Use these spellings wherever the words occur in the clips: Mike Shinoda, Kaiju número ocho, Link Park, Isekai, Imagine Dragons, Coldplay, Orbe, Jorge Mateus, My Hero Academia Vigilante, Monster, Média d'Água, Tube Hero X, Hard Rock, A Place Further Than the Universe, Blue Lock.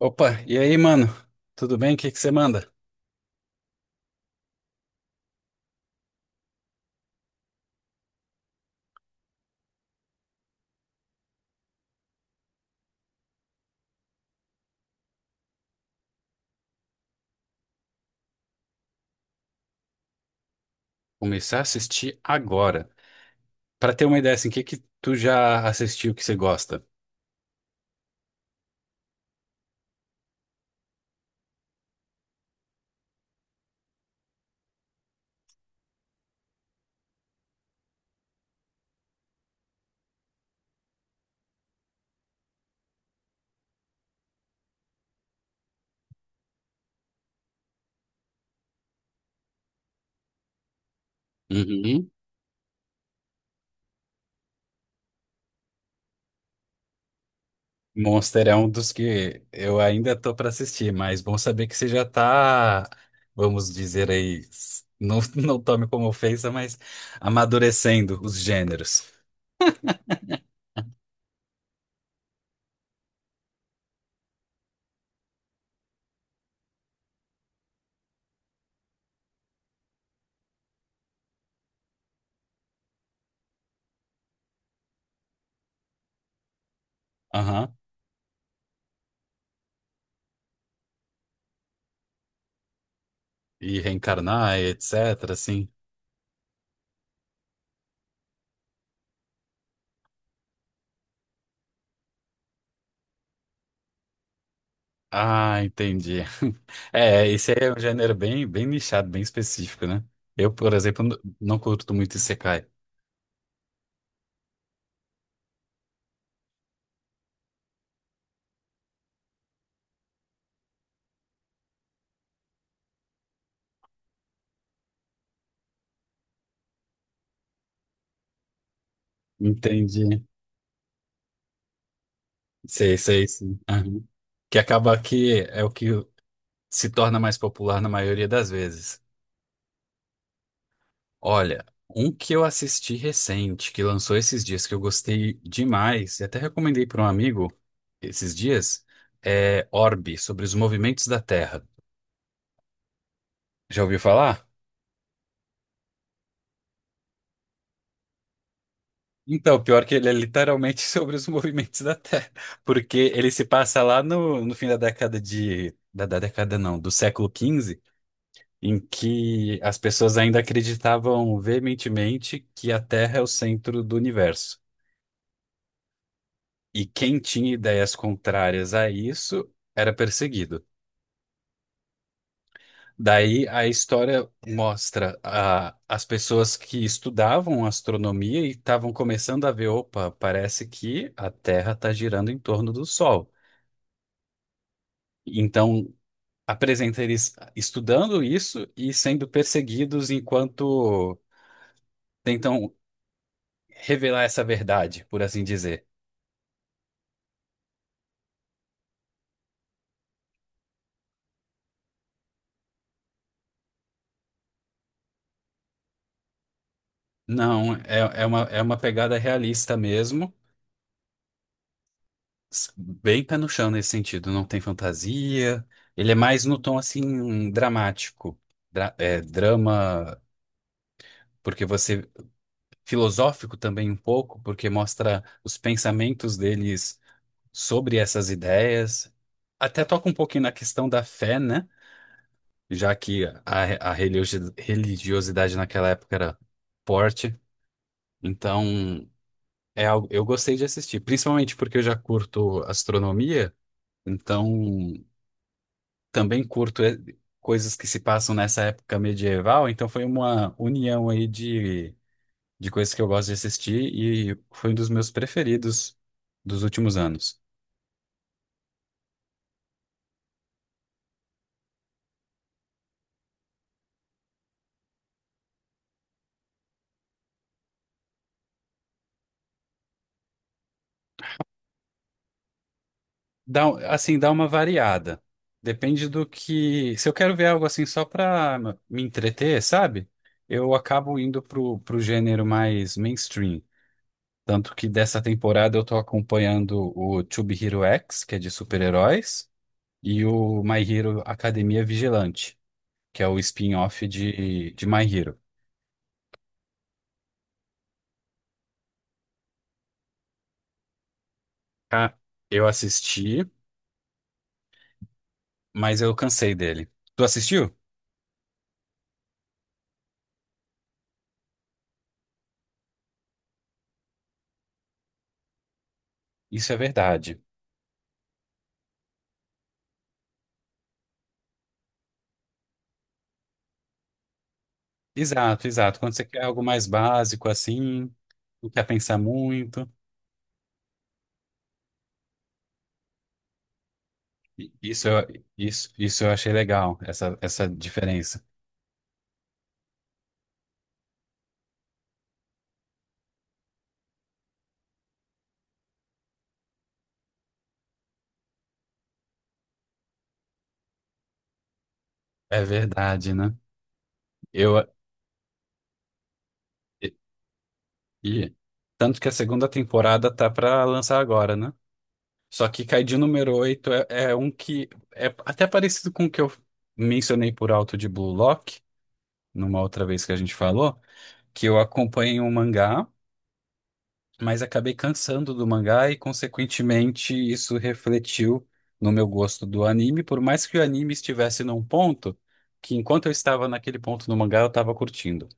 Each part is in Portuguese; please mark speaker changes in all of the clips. Speaker 1: Opa, e aí, mano? Tudo bem? O que que você manda? Começar a assistir agora. Pra ter uma ideia, assim, o que que tu já assistiu que você gosta? Uhum. Monster é um dos que eu ainda tô pra assistir, mas bom saber que você já tá, vamos dizer aí, não, não tome como ofensa, mas amadurecendo os gêneros. Aham. E reencarnar, etc, assim. Ah, entendi. É, esse aí é um gênero bem, bem nichado, bem específico, né? Eu, por exemplo, não curto muito Isekai. Entendi. Sei, sei, sim. Aham. Que acaba que é o que se torna mais popular na maioria das vezes. Olha, um que eu assisti recente, que lançou esses dias, que eu gostei demais, e até recomendei para um amigo esses dias, é Orbe, sobre os movimentos da Terra. Já ouviu falar? Então, pior que ele é literalmente sobre os movimentos da Terra, porque ele se passa lá no fim da década de... Da década não, do século XV, em que as pessoas ainda acreditavam veementemente que a Terra é o centro do universo. E quem tinha ideias contrárias a isso era perseguido. Daí a história mostra as pessoas que estudavam astronomia e estavam começando a ver, opa, parece que a Terra está girando em torno do Sol. Então, apresenta eles estudando isso e sendo perseguidos enquanto tentam revelar essa verdade, por assim dizer. Não, é uma pegada realista mesmo, bem pé no chão nesse sentido, não tem fantasia. Ele é mais no tom assim dramático, drama, porque você filosófico também um pouco, porque mostra os pensamentos deles sobre essas ideias. Até toca um pouquinho na questão da fé, né? Já que a religiosidade naquela época era forte, então é algo, eu gostei de assistir, principalmente porque eu já curto astronomia, então também curto coisas que se passam nessa época medieval, então foi uma união aí de coisas que eu gosto de assistir e foi um dos meus preferidos dos últimos anos. Dá, assim, dá uma variada. Depende do que. Se eu quero ver algo assim só pra me entreter, sabe? Eu acabo indo pro gênero mais mainstream. Tanto que dessa temporada eu tô acompanhando o Tube Hero X, que é de super-heróis, e o My Hero Academia Vigilante, que é o spin-off de My Hero. Ah, eu assisti, mas eu cansei dele. Tu assistiu? Isso é verdade. Exato, exato. Quando você quer algo mais básico assim, não quer pensar muito. Isso, isso eu achei legal, essa diferença. É verdade, né? Eu, e, e- tanto que a segunda temporada tá pra lançar agora, né? Só que Kaiju número 8 é um que é até parecido com o que eu mencionei por alto de Blue Lock, numa outra vez que a gente falou, que eu acompanhei um mangá. Mas acabei cansando do mangá e, consequentemente, isso refletiu no meu gosto do anime, por mais que o anime estivesse num ponto que, enquanto eu estava naquele ponto no mangá, eu estava curtindo.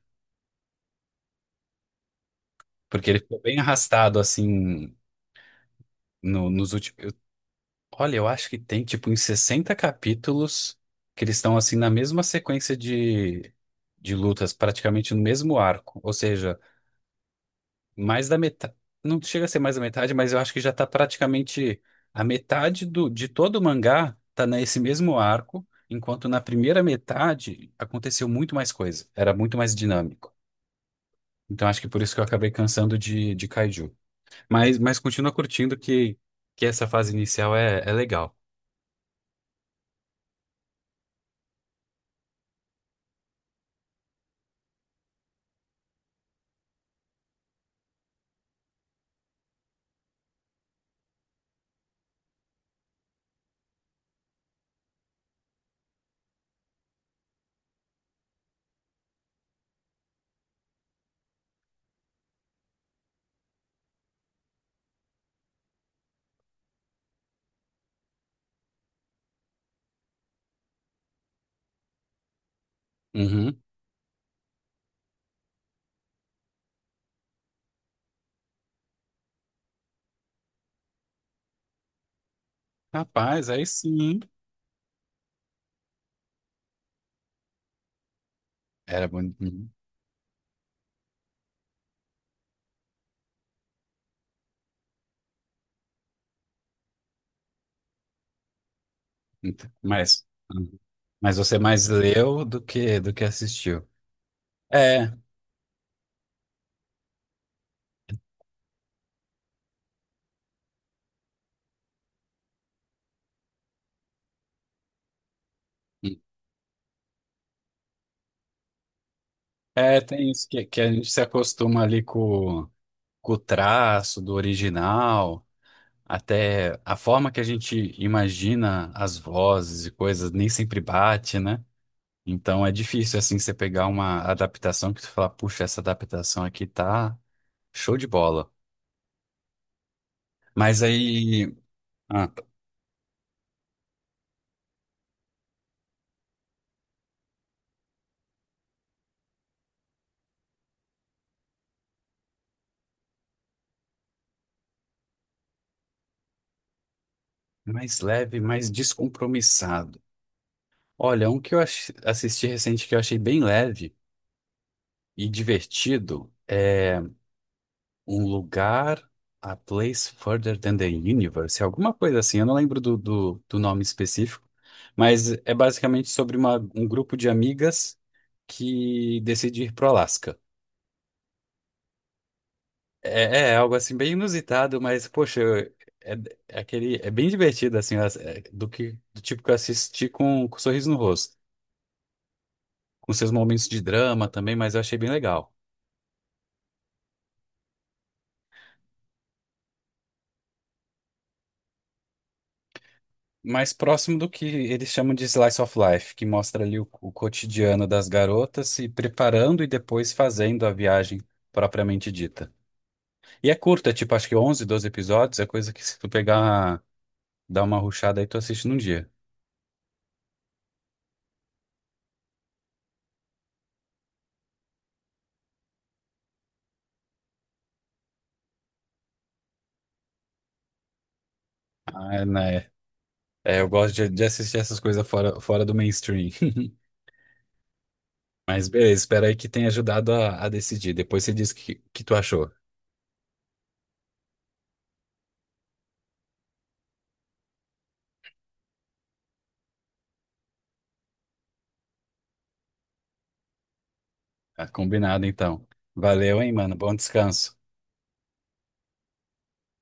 Speaker 1: Porque ele ficou bem arrastado, assim, nos últimos. Olha, eu acho que tem, tipo, em 60 capítulos que eles estão, assim, na mesma sequência de lutas, praticamente no mesmo arco. Ou seja. Mais da metade. Não chega a ser mais da metade, mas eu acho que já tá praticamente a metade do, de todo o mangá tá nesse mesmo arco, enquanto na primeira metade aconteceu muito mais coisa, era muito mais dinâmico. Então acho que por isso que eu acabei cansando de Kaiju. Mas continua curtindo que essa fase inicial é legal. Uhum. Rapaz, aí sim. Era bonito. Mas, uhum, mas você é mais leu do que assistiu. É. É, tem isso que a gente se acostuma ali com o traço do original, até a forma que a gente imagina as vozes e coisas nem sempre bate, né? Então é difícil assim você pegar uma adaptação que você fala, puxa, essa adaptação aqui tá show de bola. Mas aí, ah, mais leve, mais descompromissado. Olha, um que eu assisti recente que eu achei bem leve e divertido. É Um lugar, a place further than the universe, alguma coisa assim. Eu não lembro do nome específico, mas é basicamente sobre um grupo de amigas que decide ir pro Alasca. É algo assim bem inusitado, mas poxa, eu- é, é aquele é bem divertido assim, do que do tipo que eu assisti com sorriso no rosto, com seus momentos de drama também, mas eu achei bem legal. Mais próximo do que eles chamam de slice of life, que mostra ali o cotidiano das garotas se preparando e depois fazendo a viagem propriamente dita. E é curta, tipo, acho que 11, 12 episódios, é coisa que se tu pegar, dar uma rushada aí, tu assiste num dia. Ah, é, né? É, eu gosto de assistir essas coisas fora do mainstream. Mas beleza, espero aí que tenha ajudado a decidir. Depois você diz o que, que tu achou. Tá combinado, então. Valeu, hein, mano. Bom descanso.